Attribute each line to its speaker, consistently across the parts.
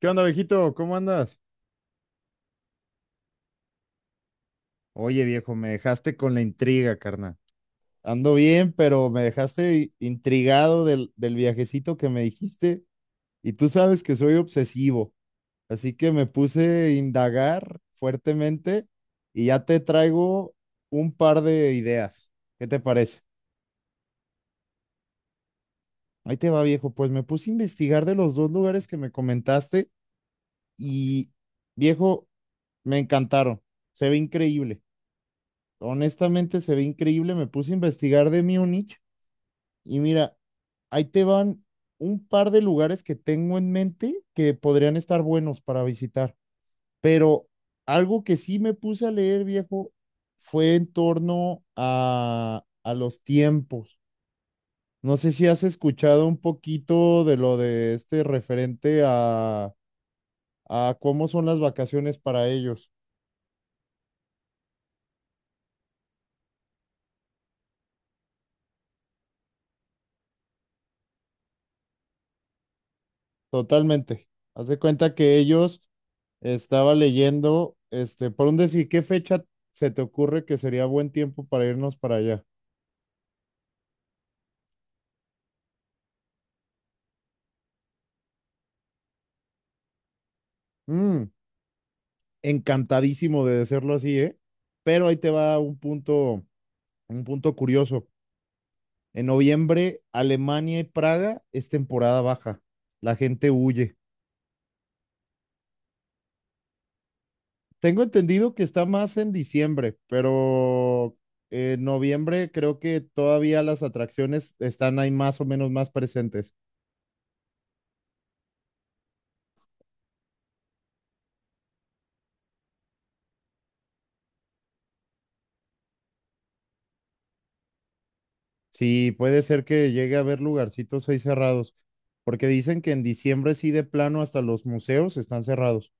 Speaker 1: ¿Qué onda, viejito? ¿Cómo andas? Oye, viejo, me dejaste con la intriga, carnal. Ando bien, pero me dejaste intrigado del viajecito que me dijiste. Y tú sabes que soy obsesivo, así que me puse a indagar fuertemente y ya te traigo un par de ideas. ¿Qué te parece? Ahí te va, viejo. Pues me puse a investigar de los dos lugares que me comentaste y, viejo, me encantaron. Se ve increíble. Honestamente se ve increíble. Me puse a investigar de Múnich y mira, ahí te van un par de lugares que tengo en mente que podrían estar buenos para visitar. Pero algo que sí me puse a leer, viejo, fue en torno a los tiempos. No sé si has escuchado un poquito de lo de este referente a cómo son las vacaciones para ellos. Totalmente. Haz de cuenta que ellos estaba leyendo, este, por un decir, ¿qué fecha se te ocurre que sería buen tiempo para irnos para allá? Mm, Encantadísimo de decirlo así, ¿eh? Pero ahí te va un punto curioso. En noviembre, Alemania y Praga es temporada baja. La gente huye. Tengo entendido que está más en diciembre, pero en noviembre creo que todavía las atracciones están ahí más o menos más presentes. Sí, puede ser que llegue a haber lugarcitos ahí cerrados, porque dicen que en diciembre sí de plano hasta los museos están cerrados,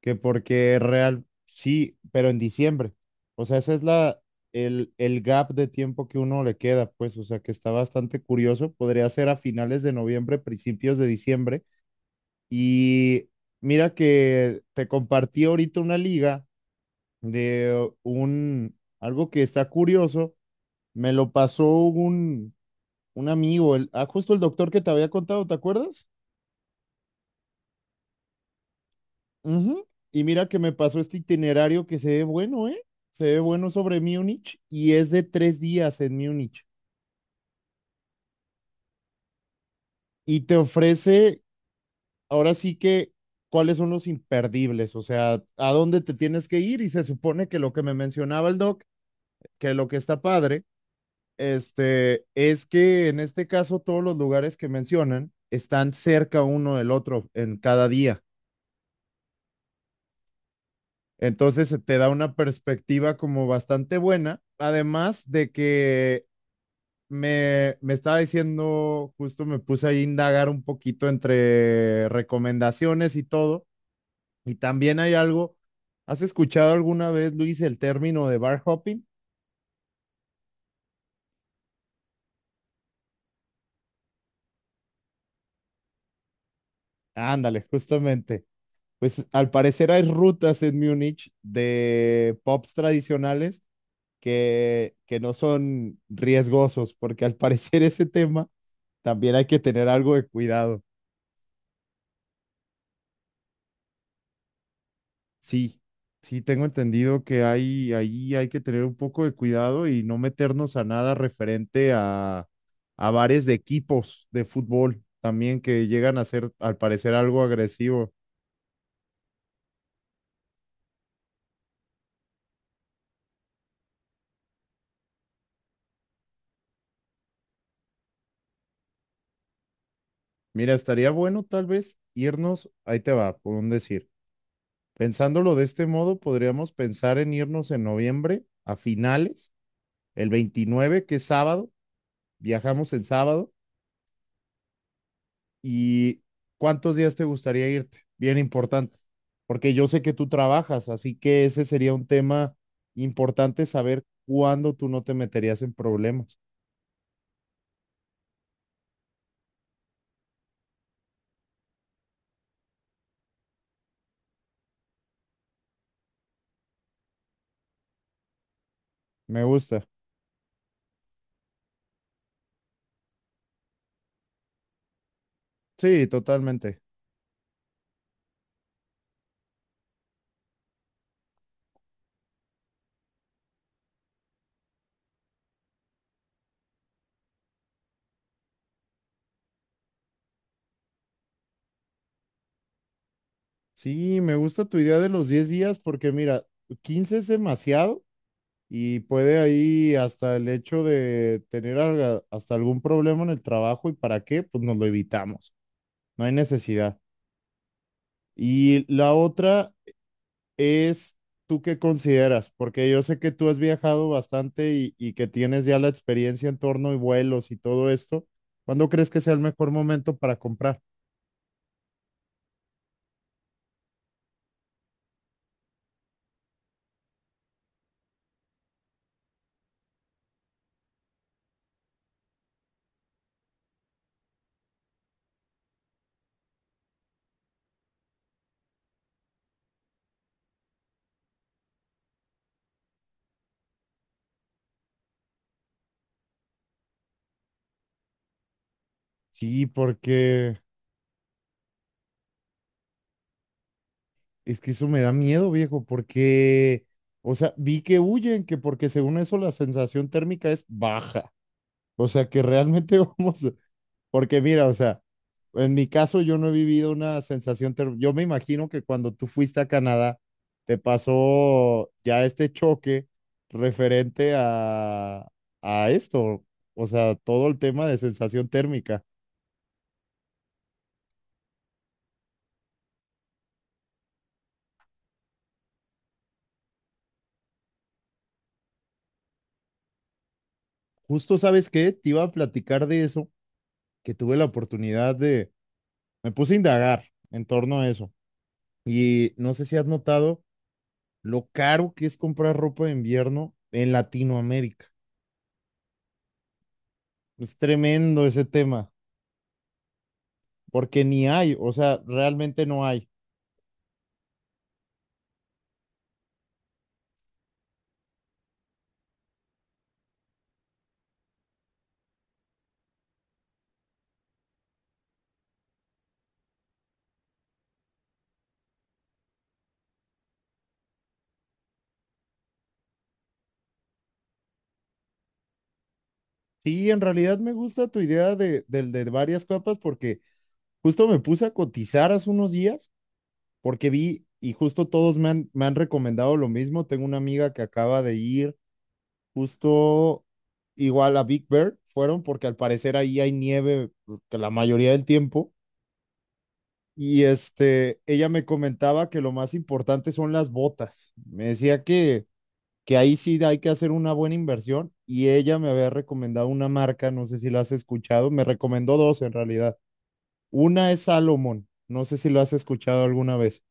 Speaker 1: que porque real, sí, pero en diciembre. O sea, esa es la, el gap de tiempo que uno le queda, pues, o sea, que está bastante curioso. Podría ser a finales de noviembre, principios de diciembre. Y mira que te compartí ahorita una liga de un, algo que está curioso. Me lo pasó un amigo, justo el doctor que te había contado, ¿te acuerdas? Ujú. Y mira que me pasó este itinerario que se ve bueno, ¿eh? Se ve bueno sobre Múnich y es de 3 días en Múnich. Y te ofrece, ahora sí que, cuáles son los imperdibles, o sea, a dónde te tienes que ir. Y se supone que lo que me mencionaba el doc, que lo que está padre, este, es que en este caso todos los lugares que mencionan están cerca uno del otro en cada día. Entonces se te da una perspectiva como bastante buena, además de que me estaba diciendo, justo me puse ahí a indagar un poquito entre recomendaciones y todo, y también hay algo, ¿has escuchado alguna vez, Luis, el término de bar hopping? Ándale, justamente. Pues al parecer hay rutas en Múnich de pubs tradicionales que no son riesgosos, porque al parecer ese tema también hay que tener algo de cuidado. Sí, sí, tengo entendido que hay, ahí hay que tener un poco de cuidado y no meternos a nada referente a bares de equipos de fútbol también que llegan a ser, al parecer, algo agresivo. Mira, estaría bueno tal vez irnos, ahí te va, por un decir. Pensándolo de este modo, podríamos pensar en irnos en noviembre a finales el 29 que es sábado, viajamos el sábado. ¿Y cuántos días te gustaría irte? Bien importante, porque yo sé que tú trabajas, así que ese sería un tema importante saber cuándo tú no te meterías en problemas. Me gusta. Sí, totalmente. Sí, me gusta tu idea de los 10 días porque mira, 15 es demasiado y puede ahí hasta el hecho de tener hasta algún problema en el trabajo y para qué, pues nos lo evitamos. No hay necesidad. Y la otra es, ¿tú qué consideras? Porque yo sé que tú has viajado bastante y que tienes ya la experiencia en torno y vuelos y todo esto. ¿Cuándo crees que sea el mejor momento para comprar? Sí, porque es que eso me da miedo, viejo, porque, o sea, vi que huyen, que porque según eso la sensación térmica es baja. O sea, que realmente vamos, porque mira, o sea, en mi caso yo no he vivido una sensación terrible. Yo me imagino que cuando tú fuiste a Canadá, te pasó ya este choque referente a esto, o sea, todo el tema de sensación térmica. Justo, ¿sabes qué? Te iba a platicar de eso, que tuve la oportunidad de, me puse a indagar en torno a eso. Y no sé si has notado lo caro que es comprar ropa de invierno en Latinoamérica. Es tremendo ese tema. Porque ni hay, o sea, realmente no hay. Sí, en realidad me gusta tu idea de, del de varias capas porque justo me puse a cotizar hace unos días porque vi y justo todos me han recomendado lo mismo. Tengo una amiga que acaba de ir justo igual a Big Bear, fueron porque al parecer ahí hay nieve que la mayoría del tiempo. Y este, ella me comentaba que lo más importante son las botas. Me decía que ahí sí hay que hacer una buena inversión y ella me había recomendado una marca, no sé si la has escuchado, me recomendó dos en realidad. Una es Salomon, no sé si lo has escuchado alguna vez.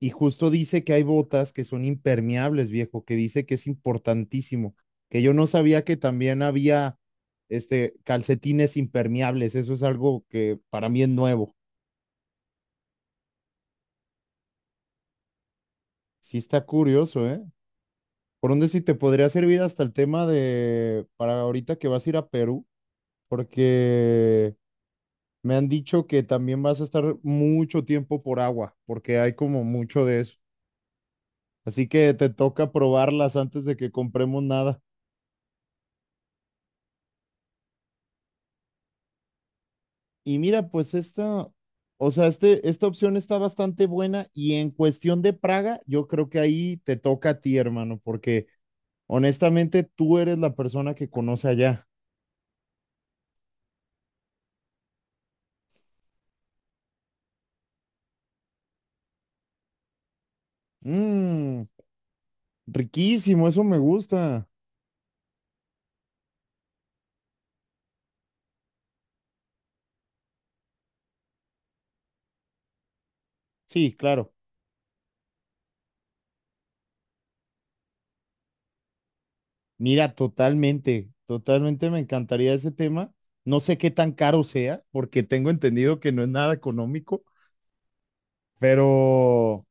Speaker 1: Y justo dice que hay botas que son impermeables, viejo, que dice que es importantísimo, que yo no sabía que también había este calcetines impermeables, eso es algo que para mí es nuevo. Sí está curioso, ¿eh? Por donde sí te podría servir hasta el tema de para ahorita que vas a ir a Perú, porque me han dicho que también vas a estar mucho tiempo por agua, porque hay como mucho de eso. Así que te toca probarlas antes de que compremos nada. Y mira, pues esta, o sea, este, esta opción está bastante buena y en cuestión de Praga, yo creo que ahí te toca a ti, hermano, porque honestamente tú eres la persona que conoce allá. Mmm, Riquísimo, eso me gusta. Sí, claro. Mira, totalmente, totalmente me encantaría ese tema. No sé qué tan caro sea, porque tengo entendido que no es nada económico, pero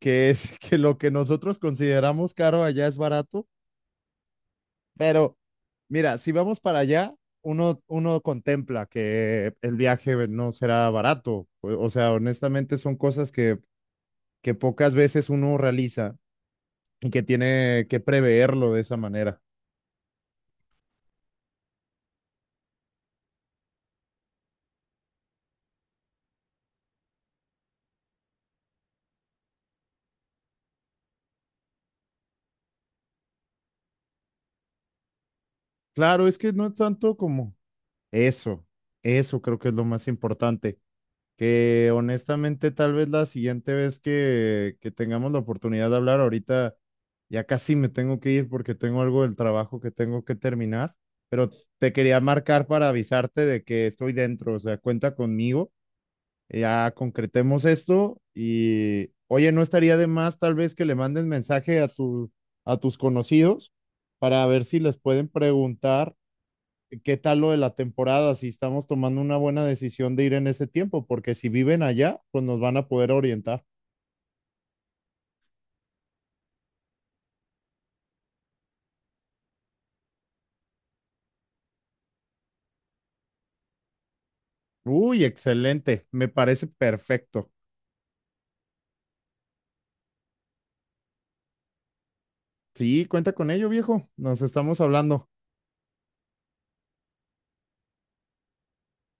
Speaker 1: que es que lo que nosotros consideramos caro allá es barato. Pero mira, si vamos para allá, uno contempla que el viaje no será barato. O sea, honestamente son cosas que pocas veces uno realiza y que tiene que preverlo de esa manera. Claro, es que no es tanto como Eso, eso creo que es lo más importante. Que honestamente, tal vez la siguiente vez que tengamos la oportunidad de hablar, ahorita ya casi me tengo que ir porque tengo algo del trabajo que tengo que terminar, pero te quería marcar para avisarte de que estoy dentro, o sea, cuenta conmigo, ya concretemos esto y, oye, no estaría de más tal vez que le mandes mensaje a tus conocidos para ver si les pueden preguntar qué tal lo de la temporada, si estamos tomando una buena decisión de ir en ese tiempo, porque si viven allá, pues nos van a poder orientar. Uy, excelente, me parece perfecto. Sí, cuenta con ello, viejo. Nos estamos hablando.